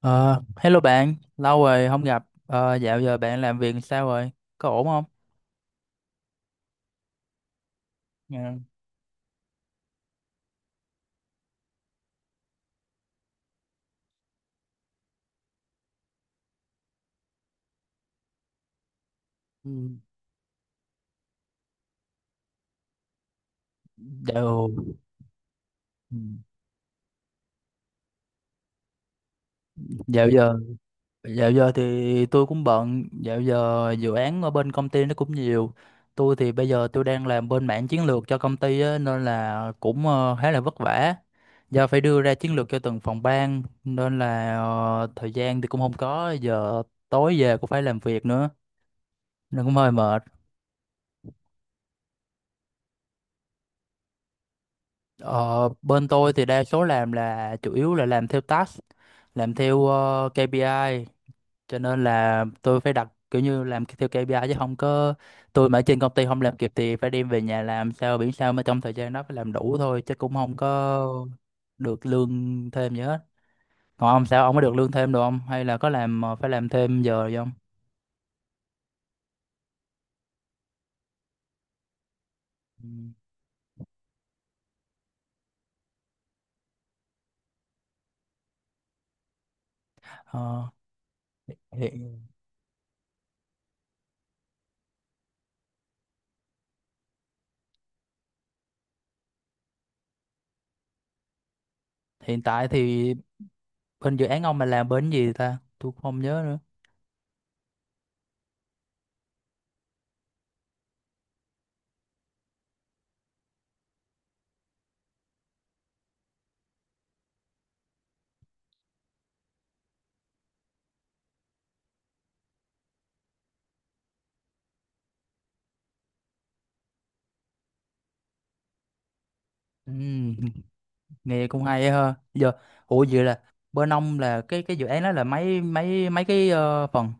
Ờ, Hello bạn, lâu rồi không gặp. Ờ, Dạo giờ bạn làm việc sao rồi? Có ổn không? Dạ. Ừ, Dạo ừ, dạo giờ dạo giờ thì tôi cũng bận. Dạo giờ dự án ở bên công ty nó cũng nhiều. Tôi bây giờ đang làm bên mảng chiến lược cho công ty á, nên là cũng khá là vất vả. Do phải đưa ra chiến lược cho từng phòng ban nên là thời gian thì cũng không có. Giờ tối về cũng phải làm việc nữa nên cũng hơi mệt. Ờ, bên tôi thì đa số làm là chủ yếu là làm theo task, làm theo KPI, cho nên là tôi phải đặt kiểu như làm theo KPI chứ không có, tôi mà ở trên công ty không làm kịp thì phải đem về nhà làm sao biển sao mà trong thời gian đó phải làm đủ thôi chứ cũng không có được lương thêm gì hết. Còn ông sao, ông có được lương thêm được không? Hay là có làm phải làm thêm giờ gì không? Ừ. Ờ, hiện, hiện tại thì bên dự án ông mà làm bên gì ta? Tôi cũng không nhớ nữa. Ừ. Nghe cũng hay á ha. Giờ ủa vậy là bên ông là cái dự án đó là mấy mấy mấy cái phần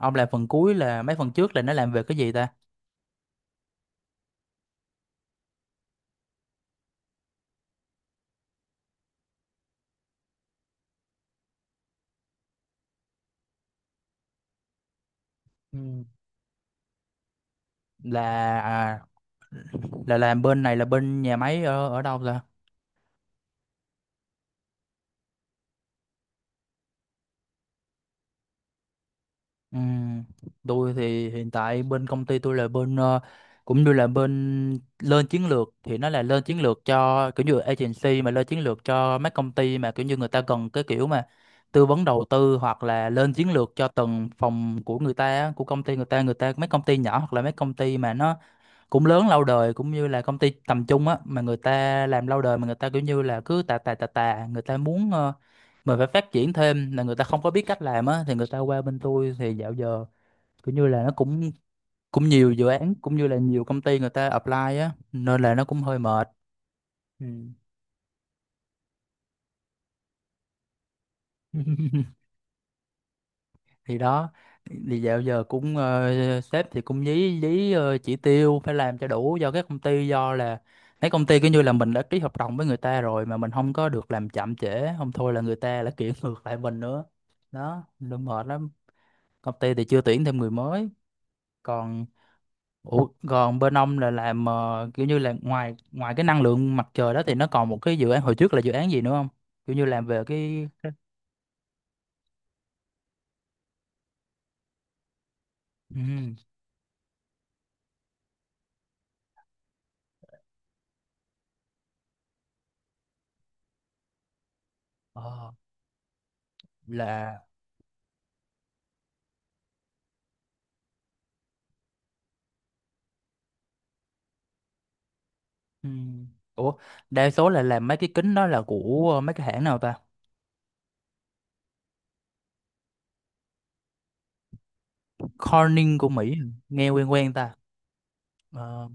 ông làm phần cuối là mấy phần trước là nó làm về cái gì ta? Ừ. là à, là làm bên này là bên nhà máy ở ở đâu ta? Ừ, tôi thì hiện tại bên công ty tôi là bên cũng như là bên lên chiến lược thì nó là lên chiến lược cho kiểu như agency, mà lên chiến lược cho mấy công ty mà kiểu như người ta cần cái kiểu mà tư vấn đầu tư, hoặc là lên chiến lược cho từng phòng của người ta á, của công ty người ta, người ta mấy công ty nhỏ hoặc là mấy công ty mà nó cũng lớn lâu đời cũng như là công ty tầm trung á, mà người ta làm lâu đời mà người ta kiểu như là cứ tà tà tà tà, người ta muốn mình phải phát triển thêm, là người ta không có biết cách làm á, thì người ta qua bên tôi. Thì dạo giờ kiểu như là nó cũng cũng nhiều dự án cũng như là nhiều công ty người ta apply á, nên là nó cũng hơi mệt. Ừ. Thì đó, thì dạo giờ cũng sếp thì cũng dí dí chỉ tiêu phải làm cho đủ, do các công ty, do là mấy công ty cứ như là mình đã ký hợp đồng với người ta rồi mà mình không có được làm chậm trễ, không thôi là người ta lại kiện ngược lại mình nữa. Đó nên mệt lắm. Công ty thì chưa tuyển thêm người mới. Còn ủa, còn bên ông là làm kiểu như là ngoài ngoài cái năng lượng mặt trời đó thì nó còn một cái dự án hồi trước là dự án gì nữa không, kiểu như làm về cái ừ, ờ, là. Ừ. Ủa, đa số là làm mấy cái kính đó là của mấy cái hãng nào ta? Corning của Mỹ à? Nghe quen quen ta. Ờ,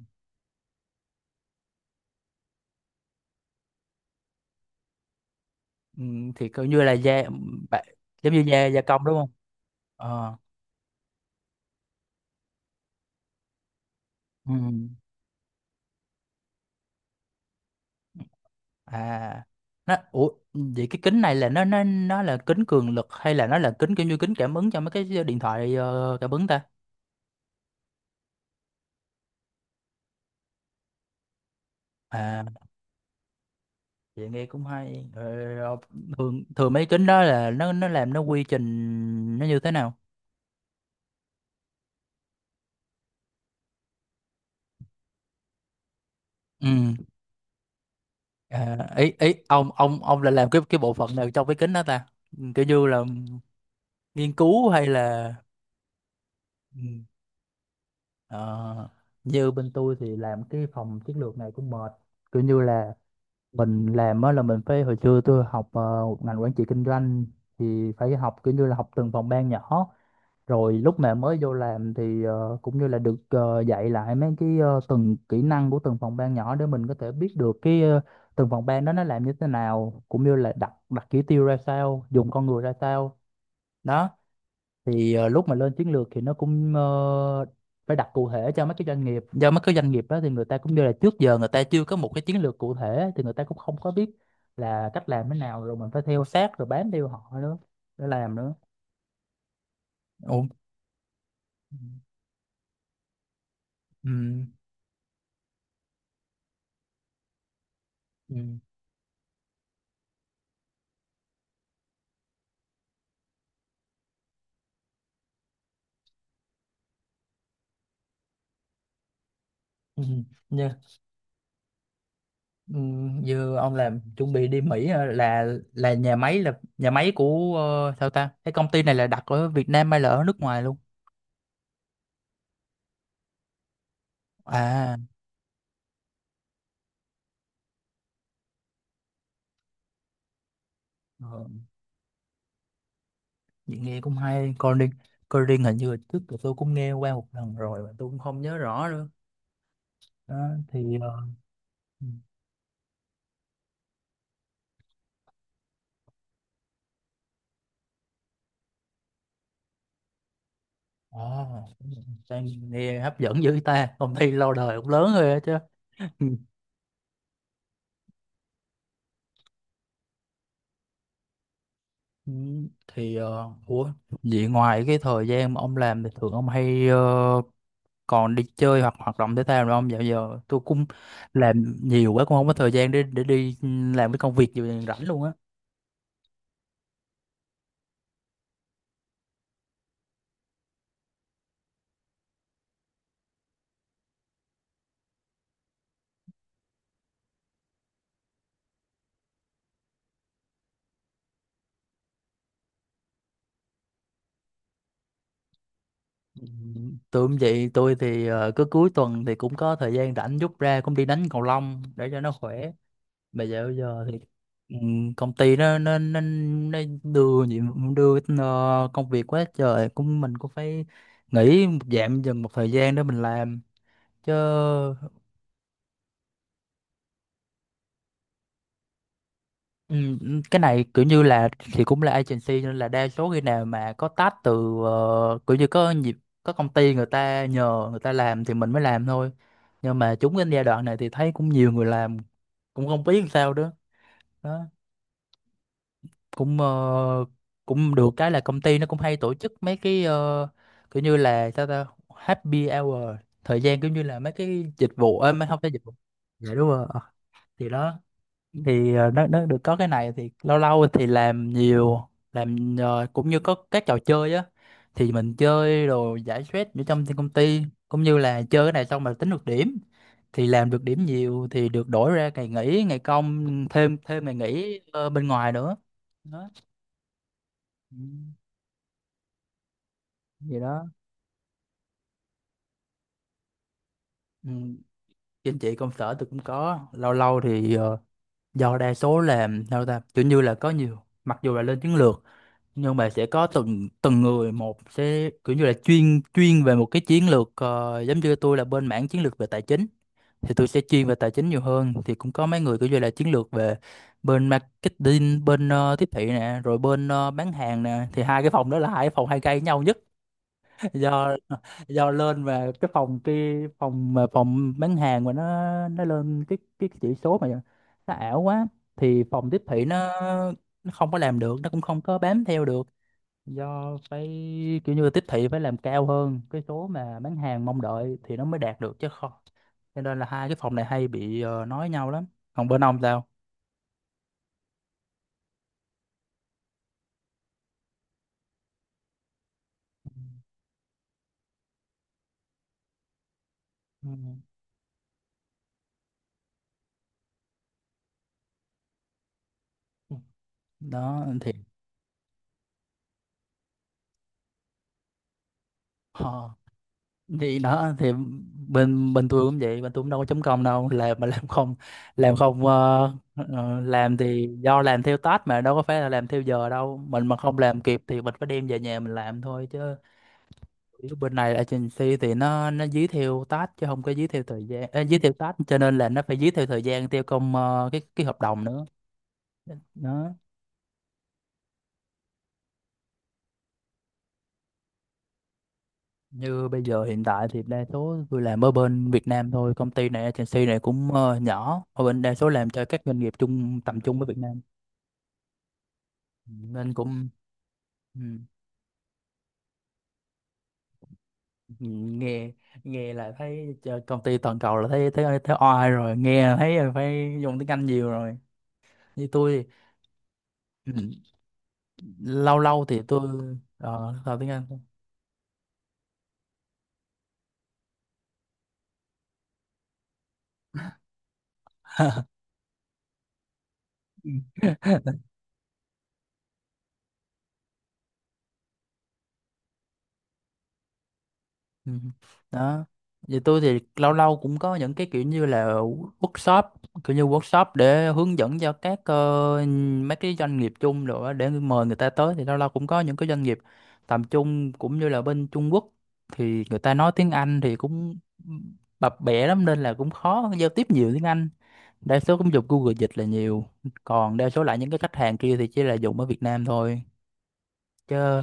ừ, thì coi như là bạ- giống như gia gia công đúng không? Ờ, ừ. À, ủa vậy cái kính này là nó là kính cường lực, hay là nó là kính kiểu như kính cảm ứng cho mấy cái điện thoại cảm ứng ta? À, vậy nghe cũng hay. Ờ, thường thường mấy kính đó là nó làm nó quy trình nó như thế nào? Ừ. À, ý ý ông là làm cái bộ phận nào trong cái kính đó ta? Ừ, kiểu như là nghiên cứu hay là ừ, ờ, như bên tôi thì làm cái phòng chiến lược này cũng mệt. Kiểu như là mình làm á là mình phải hồi xưa tôi học một ngành quản trị kinh doanh, thì phải học kiểu như là học từng phòng ban nhỏ, rồi lúc mà mới vô làm thì cũng như là được dạy lại mấy cái từng kỹ năng của từng phòng ban nhỏ để mình có thể biết được cái từng phòng ban đó nó làm như thế nào, cũng như là đặt đặt chỉ tiêu ra sao, dùng con người ra sao. Đó thì lúc mà lên chiến lược thì nó cũng phải đặt cụ thể cho mấy cái doanh nghiệp, do mấy cái doanh nghiệp đó thì người ta cũng như là trước giờ người ta chưa có một cái chiến lược cụ thể, thì người ta cũng không có biết là cách làm thế nào, rồi mình phải theo sát rồi bám theo họ nữa để làm nữa. Ủa? Ừ. Ừ. Ừ. Như, ừ, như ông làm chuẩn bị đi Mỹ hả? Là nhà máy của sao ta? Cái công ty này là đặt ở Việt Nam hay là ở nước ngoài luôn? À. Vậy nghe cũng hay. Coi riêng, coi riêng hình như là trước giờ tôi cũng nghe qua một lần rồi mà tôi cũng không nhớ rõ nữa. Đó thì ờ, ờ, sang nghe hấp dẫn dữ ta, công ty lâu đời cũng lớn rồi á chứ. Ừ, Ừ, thì ờ, ủa vậy ngoài cái thời gian mà ông làm thì thường ông hay còn đi chơi hoặc hoạt động thể thao nữa không? Dạo giờ tôi cũng làm nhiều quá cũng không có thời gian để đi làm cái công việc gì rảnh luôn á. Tôi cũng vậy, tôi thì cứ cuối tuần thì cũng có thời gian rảnh rút ra cũng đi đánh cầu lông để cho nó khỏe. Bây giờ thì công ty nó đưa nhiệm đưa công việc quá trời, cũng mình cũng phải nghỉ một dạng dần một thời gian để mình làm chứ. Ừ, ừ, cái này kiểu như là thì cũng là agency, nên là đa số khi nào mà có task từ kiểu như có nhịp có công ty người ta nhờ, người ta làm thì mình mới làm thôi. Nhưng mà chúng cái giai đoạn này thì thấy cũng nhiều người làm cũng không biết làm sao đó. Đó cũng cũng được cái là công ty nó cũng hay tổ chức mấy cái kiểu như là sao ta, happy hour, thời gian kiểu như là mấy cái dịch vụ mấy không phải dịch vụ. Dạ đúng rồi. Ờ, thì đó thì nó được có cái này thì lâu lâu thì làm nhiều làm cũng như có các trò chơi á thì mình chơi rồi giải stress ở trong công ty, cũng như là chơi cái này xong mà tính được điểm, thì làm được điểm nhiều thì được đổi ra ngày nghỉ, ngày công thêm, thêm ngày nghỉ bên ngoài nữa. Đó. Ừ, vậy đó ừ. Trên chị công sở tôi cũng có, lâu lâu thì do đa số làm sao ta, kiểu như là có nhiều, mặc dù là lên chiến lược nhưng mà sẽ có từng từng người một sẽ kiểu như là chuyên chuyên về một cái chiến lược giống như tôi là bên mảng chiến lược về tài chính, thì tôi sẽ chuyên về tài chính nhiều hơn. Thì cũng có mấy người kiểu như là chiến lược về bên marketing, bên tiếp thị nè, rồi bên bán hàng nè, thì hai cái phòng đó là hai cái phòng hay gây nhau nhất do do lên về cái phòng kia, phòng mà phòng bán hàng mà nó lên cái chỉ số mà nó ảo quá, thì phòng tiếp thị nó không có làm được, nó cũng không có bám theo được, do phải kiểu như là tiếp thị phải làm cao hơn cái số mà bán hàng mong đợi thì nó mới đạt được chứ không. Cho nên là hai cái phòng này hay bị nói nhau lắm. Còn bên ông sao? Ừ. Ừ. Đó thì ờ, thì đó thì bên bên tôi cũng vậy, bên tôi cũng đâu có chấm công đâu, làm mà làm không, làm không ờ, ờ, làm thì do làm theo task mà đâu có phải là làm theo giờ đâu. Mình mà không làm kịp thì mình phải đem về nhà mình làm thôi chứ. Kiểu bên này agency thì nó dí theo task chứ không có dí theo thời gian, à, dí theo task cho nên là nó phải dí theo thời gian theo công cái hợp đồng nữa. Đó. Như bây giờ hiện tại thì đa số tôi làm ở bên Việt Nam thôi, công ty này agency này cũng nhỏ ở bên đa số làm cho các doanh nghiệp chung tầm trung với Việt Nam. Ừ, nên cũng ừ, ừ, nghe nghe là thấy cho công ty toàn cầu là thấy thấy thấy oai rồi, nghe là thấy là phải dùng tiếng Anh nhiều rồi. Như tôi thì- ừ. Lâu lâu thì tôi ờ học tiếng Anh. Ừ. Đó vậy tôi thì lâu lâu cũng có những cái kiểu như là workshop, kiểu như workshop để hướng dẫn cho các mấy cái doanh nghiệp chung rồi á, để mời người ta tới. Thì lâu lâu cũng có những cái doanh nghiệp tầm trung cũng như là bên Trung Quốc thì người ta nói tiếng Anh thì cũng bập bẹ lắm, nên là cũng khó giao tiếp nhiều tiếng Anh. Đa số cũng dùng Google dịch là nhiều. Còn đa số lại những cái khách hàng kia thì chỉ là dùng ở Việt Nam thôi, chứ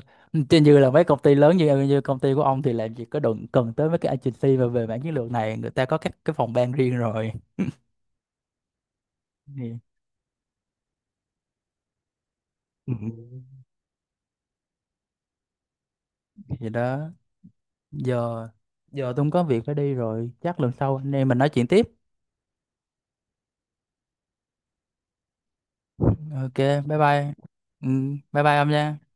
chứ như là mấy công ty lớn như như công ty của ông thì làm gì có đụng cần tới mấy cái agency mà về mảng chiến lược này, người ta có các cái phòng ban riêng rồi. Thì, Ừ. thì đó giờ, giờ tôi cũng có việc phải đi rồi, chắc lần sau anh em mình nói chuyện tiếp. Ok, bye bye, ừ, bye bye ông nha.